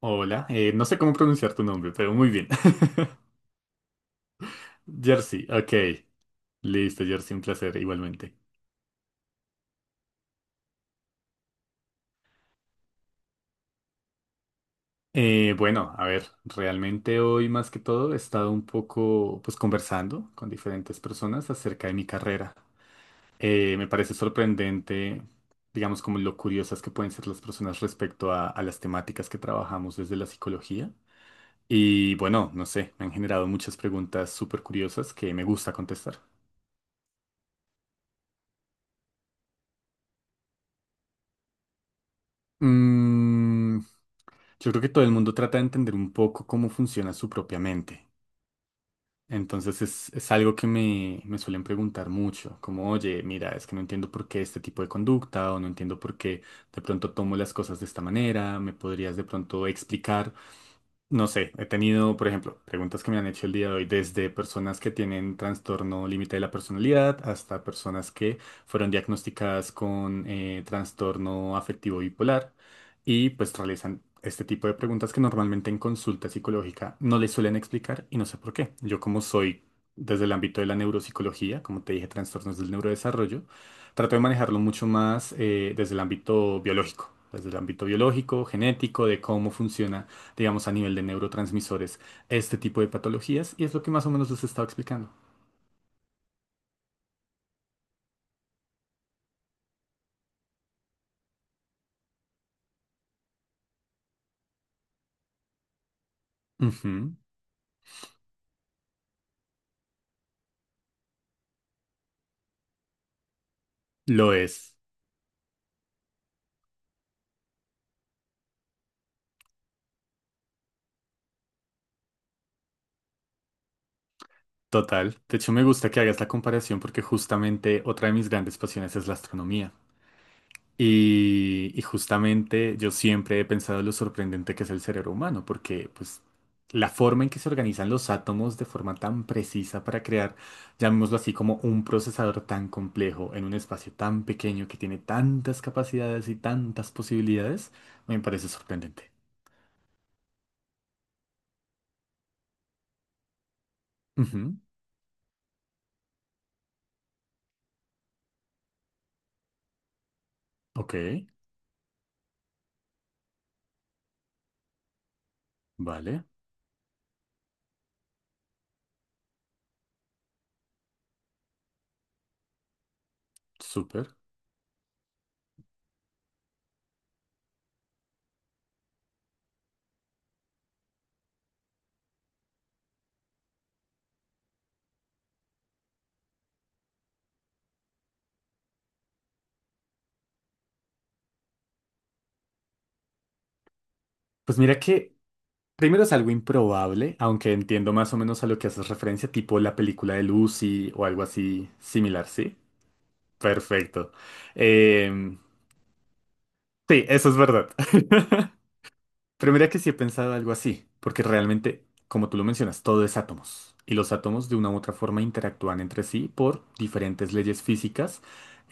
Hola, no sé cómo pronunciar tu nombre, pero muy bien. Jersey, ok. Listo, Jersey, un placer igualmente. Bueno, a ver, realmente hoy más que todo he estado un poco pues conversando con diferentes personas acerca de mi carrera. Me parece sorprendente, digamos, como lo curiosas que pueden ser las personas respecto a las temáticas que trabajamos desde la psicología. Y bueno, no sé, me han generado muchas preguntas súper curiosas que me gusta contestar. Mm, yo creo que todo el mundo trata de entender un poco cómo funciona su propia mente. Entonces es algo que me suelen preguntar mucho, como, oye, mira, es que no entiendo por qué este tipo de conducta o no entiendo por qué de pronto tomo las cosas de esta manera, ¿me podrías de pronto explicar? No sé, he tenido, por ejemplo, preguntas que me han hecho el día de hoy, desde personas que tienen trastorno límite de la personalidad hasta personas que fueron diagnosticadas con trastorno afectivo bipolar y pues realizan este tipo de preguntas que normalmente en consulta psicológica no les suelen explicar y no sé por qué. Yo como soy desde el ámbito de la neuropsicología, como te dije, trastornos del neurodesarrollo, trato de manejarlo mucho más desde el ámbito biológico, desde el ámbito biológico, genético, de cómo funciona digamos, a nivel de neurotransmisores, este tipo de patologías, y es lo que más o menos les estaba explicando. Ujú, lo es, total. De hecho, me gusta que hagas la comparación porque justamente otra de mis grandes pasiones es la astronomía. Y justamente yo siempre he pensado lo sorprendente que es el cerebro humano, porque pues la forma en que se organizan los átomos de forma tan precisa para crear, llamémoslo así, como un procesador tan complejo en un espacio tan pequeño que tiene tantas capacidades y tantas posibilidades, me parece sorprendente. Ujú, ok, vale, súper. Pues mira que primero es algo improbable, aunque entiendo más o menos a lo que haces referencia, tipo la película de Lucy o algo así similar, ¿sí? Perfecto. Em, sí, eso es verdad. Pero mira que sí he pensado algo así, porque realmente, como tú lo mencionas, todo es átomos. Y los átomos de una u otra forma interactúan entre sí por diferentes leyes físicas,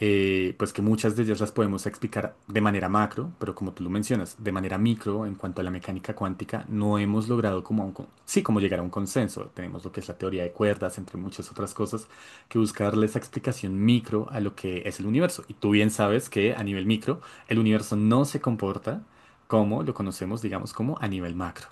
pues que muchas de ellas las podemos explicar de manera macro, pero como tú lo mencionas, de manera micro, en cuanto a la mecánica cuántica, no hemos logrado como, sí, como llegar a un consenso. Tenemos lo que es la teoría de cuerdas, entre muchas otras cosas, que busca darle esa explicación micro a lo que es el universo. Y tú bien sabes que a nivel micro, el universo no se comporta como lo conocemos, digamos, como a nivel macro.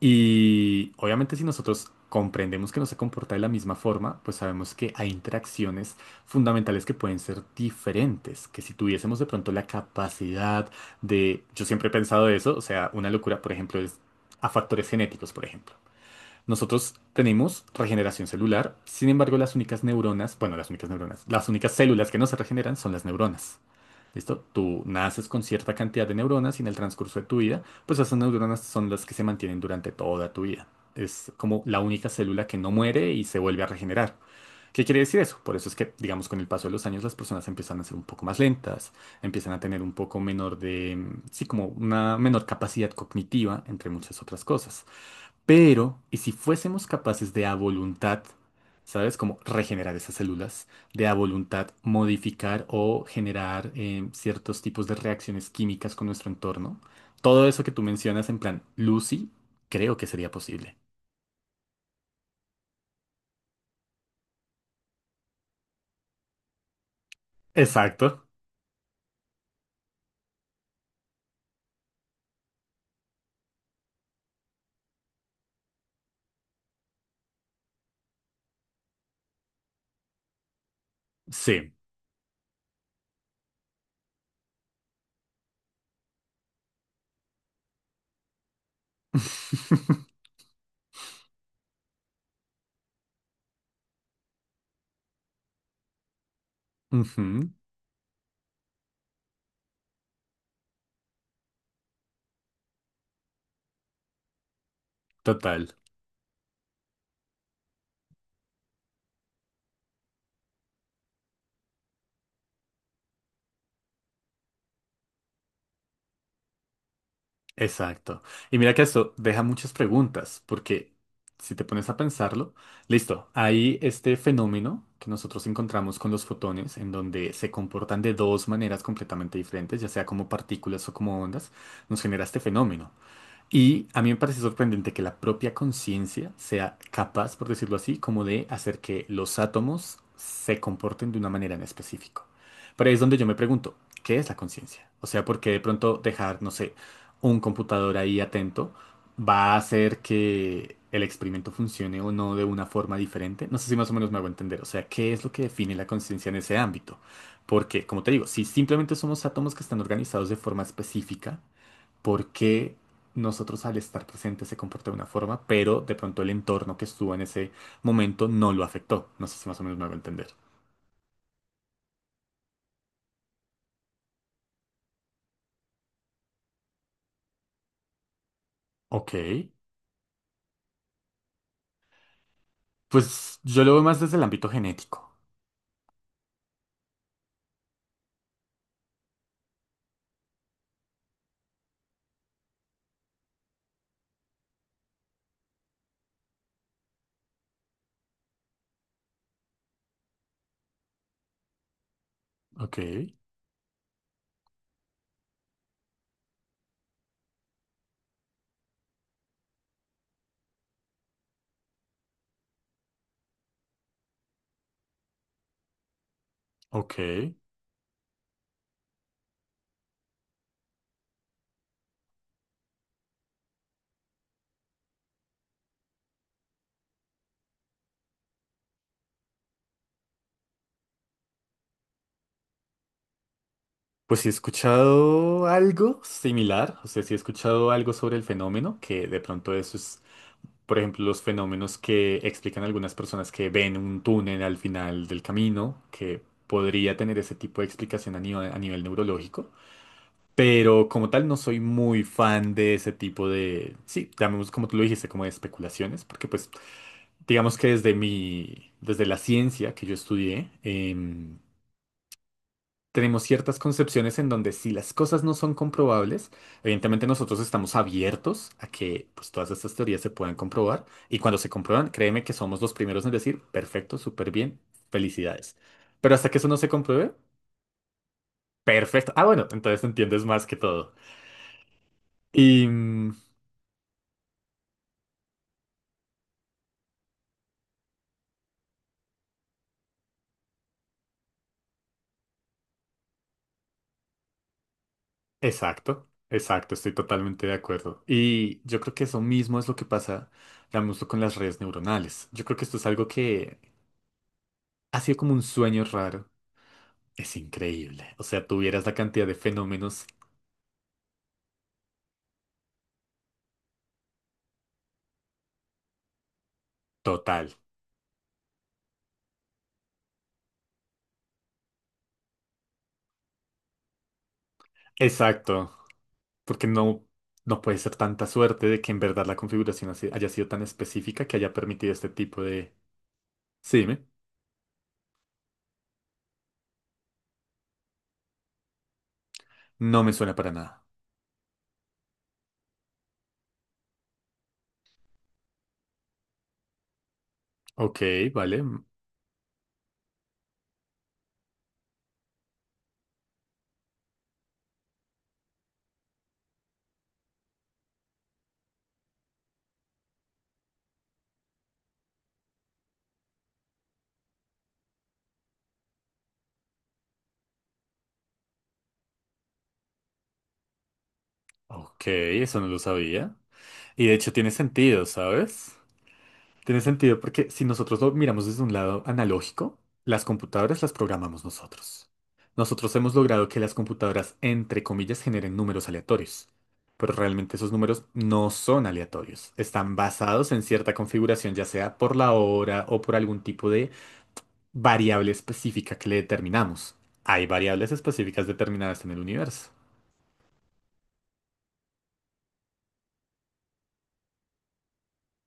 Y obviamente si nosotros comprendemos que no se comporta de la misma forma, pues sabemos que hay interacciones fundamentales que pueden ser diferentes, que si tuviésemos de pronto la capacidad de, yo siempre he pensado eso, o sea, una locura, por ejemplo, es a factores genéticos, por ejemplo. Nosotros tenemos regeneración celular, sin embargo las únicas neuronas, bueno, las únicas neuronas, las únicas células que no se regeneran son las neuronas. ¿Listo? Tú naces con cierta cantidad de neuronas y en el transcurso de tu vida, pues esas neuronas son las que se mantienen durante toda tu vida. Es como la única célula que no muere y se vuelve a regenerar. ¿Qué quiere decir eso? Por eso es que, digamos, con el paso de los años las personas empiezan a ser un poco más lentas, empiezan a tener un poco menor de, mm, sí, como una menor capacidad cognitiva, entre muchas otras cosas. Pero, ¿y si fuésemos capaces de a voluntad, ¿sabes? Como regenerar esas células, de a voluntad modificar o generar ciertos tipos de reacciones químicas con nuestro entorno? Todo eso que tú mencionas en plan Lucy, creo que sería posible. Exacto, sí. Ujú, total. Exacto. Y mira que esto deja muchas preguntas, porque si te pones a pensarlo, listo, hay este fenómeno que nosotros encontramos con los fotones, en donde se comportan de dos maneras completamente diferentes, ya sea como partículas o como ondas, nos genera este fenómeno. Y a mí me parece sorprendente que la propia conciencia sea capaz, por decirlo así, como de hacer que los átomos se comporten de una manera en específico. Pero ahí es donde yo me pregunto, ¿qué es la conciencia? O sea, ¿por qué de pronto dejar, no sé, un computador ahí atento va a hacer que el experimento funcione o no de una forma diferente? No sé si más o menos me hago entender. O sea, ¿qué es lo que define la conciencia en ese ámbito? Porque, como te digo, si simplemente somos átomos que están organizados de forma específica, porque nosotros al estar presentes se comporta de una forma, pero de pronto el entorno que estuvo en ese momento no lo afectó. No sé si más o menos me a entender. Ok, pues yo lo veo más desde el ámbito genético. Ok, ok. Pues sí he escuchado algo similar, o sea, sí he escuchado algo sobre el fenómeno, que de pronto eso es, por ejemplo, los fenómenos que explican algunas personas que ven un túnel al final del camino, que podría tener ese tipo de explicación a nivel neurológico. Pero como tal no soy muy fan de ese tipo de, sí, llamemos como tú lo dijiste, como de especulaciones, porque pues digamos que desde mi, desde la ciencia que yo estudié, tenemos ciertas concepciones en donde si las cosas no son comprobables, evidentemente nosotros estamos abiertos a que pues todas estas teorías se puedan comprobar y cuando se comprueban, créeme que somos los primeros en decir, perfecto, súper bien, felicidades. Pero hasta que eso no se compruebe, perfecto. Ah, bueno, entonces entiendes más que todo. Y... mm, Exacto, exacto, estoy totalmente de acuerdo. Y yo creo que eso mismo es lo que pasa, digamos, con las redes neuronales. Yo creo que esto es algo que ha sido como un sueño raro. Es increíble. O sea, tuvieras la cantidad de fenómenos total. Exacto, porque no, no puede ser tanta suerte de que en verdad la configuración así- haya sido tan específica que haya permitido este tipo de... Sí, dime. No me suena para nada. Ok, vale. Ok, eso no lo sabía. Y de hecho tiene sentido, ¿sabes? Tiene sentido porque si nosotros lo miramos desde un lado analógico, las computadoras las programamos nosotros. Nosotros hemos logrado que las computadoras, entre comillas, generen números aleatorios, pero realmente esos números no son aleatorios. Están basados en cierta configuración, ya sea por la hora o por algún tipo de variable específica que le determinamos. Hay variables específicas determinadas en el universo.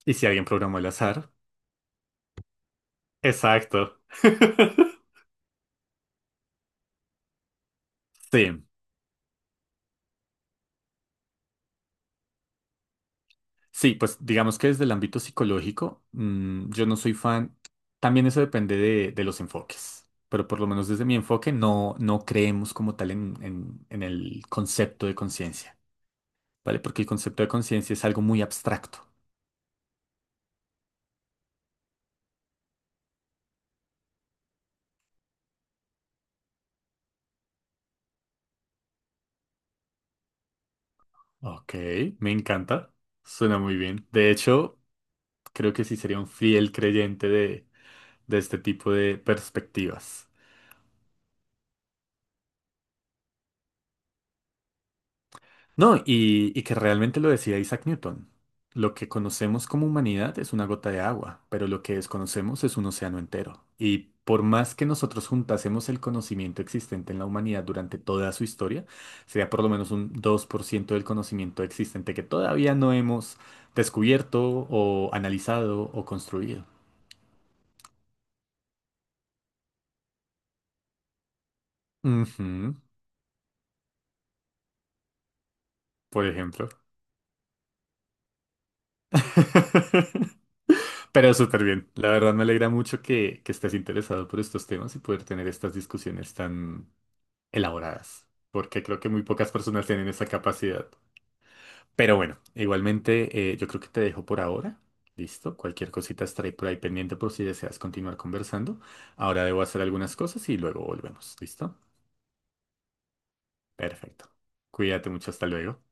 Y si alguien programó el azar, exacto. Sí. Sí, pues digamos que desde el ámbito psicológico, mm, yo no soy fan. También eso depende de los enfoques, pero por lo menos desde mi enfoque no, no creemos como tal en, en el concepto de conciencia, ¿vale? Porque el concepto de conciencia es algo muy abstracto. Ok, me encanta. Suena muy bien. De hecho, creo que sí sería un fiel creyente de este tipo de perspectivas. No, y que realmente lo decía Isaac Newton. Lo que conocemos como humanidad es una gota de agua, pero lo que desconocemos es un océano entero. Y por más que nosotros juntásemos el conocimiento existente en la humanidad durante toda su historia, sería por lo menos un 2% del conocimiento existente que todavía no hemos descubierto o analizado o construido. Ujú, por ejemplo. Pero súper bien. La verdad me alegra mucho que estés interesado por estos temas y poder tener estas discusiones tan elaboradas, porque creo que muy pocas personas tienen esa capacidad. Pero bueno, igualmente yo creo que te dejo por ahora. Listo, cualquier cosita estaré por ahí pendiente por si deseas continuar conversando. Ahora debo hacer algunas cosas y luego volvemos. ¿Listo? Perfecto. Cuídate mucho, hasta luego.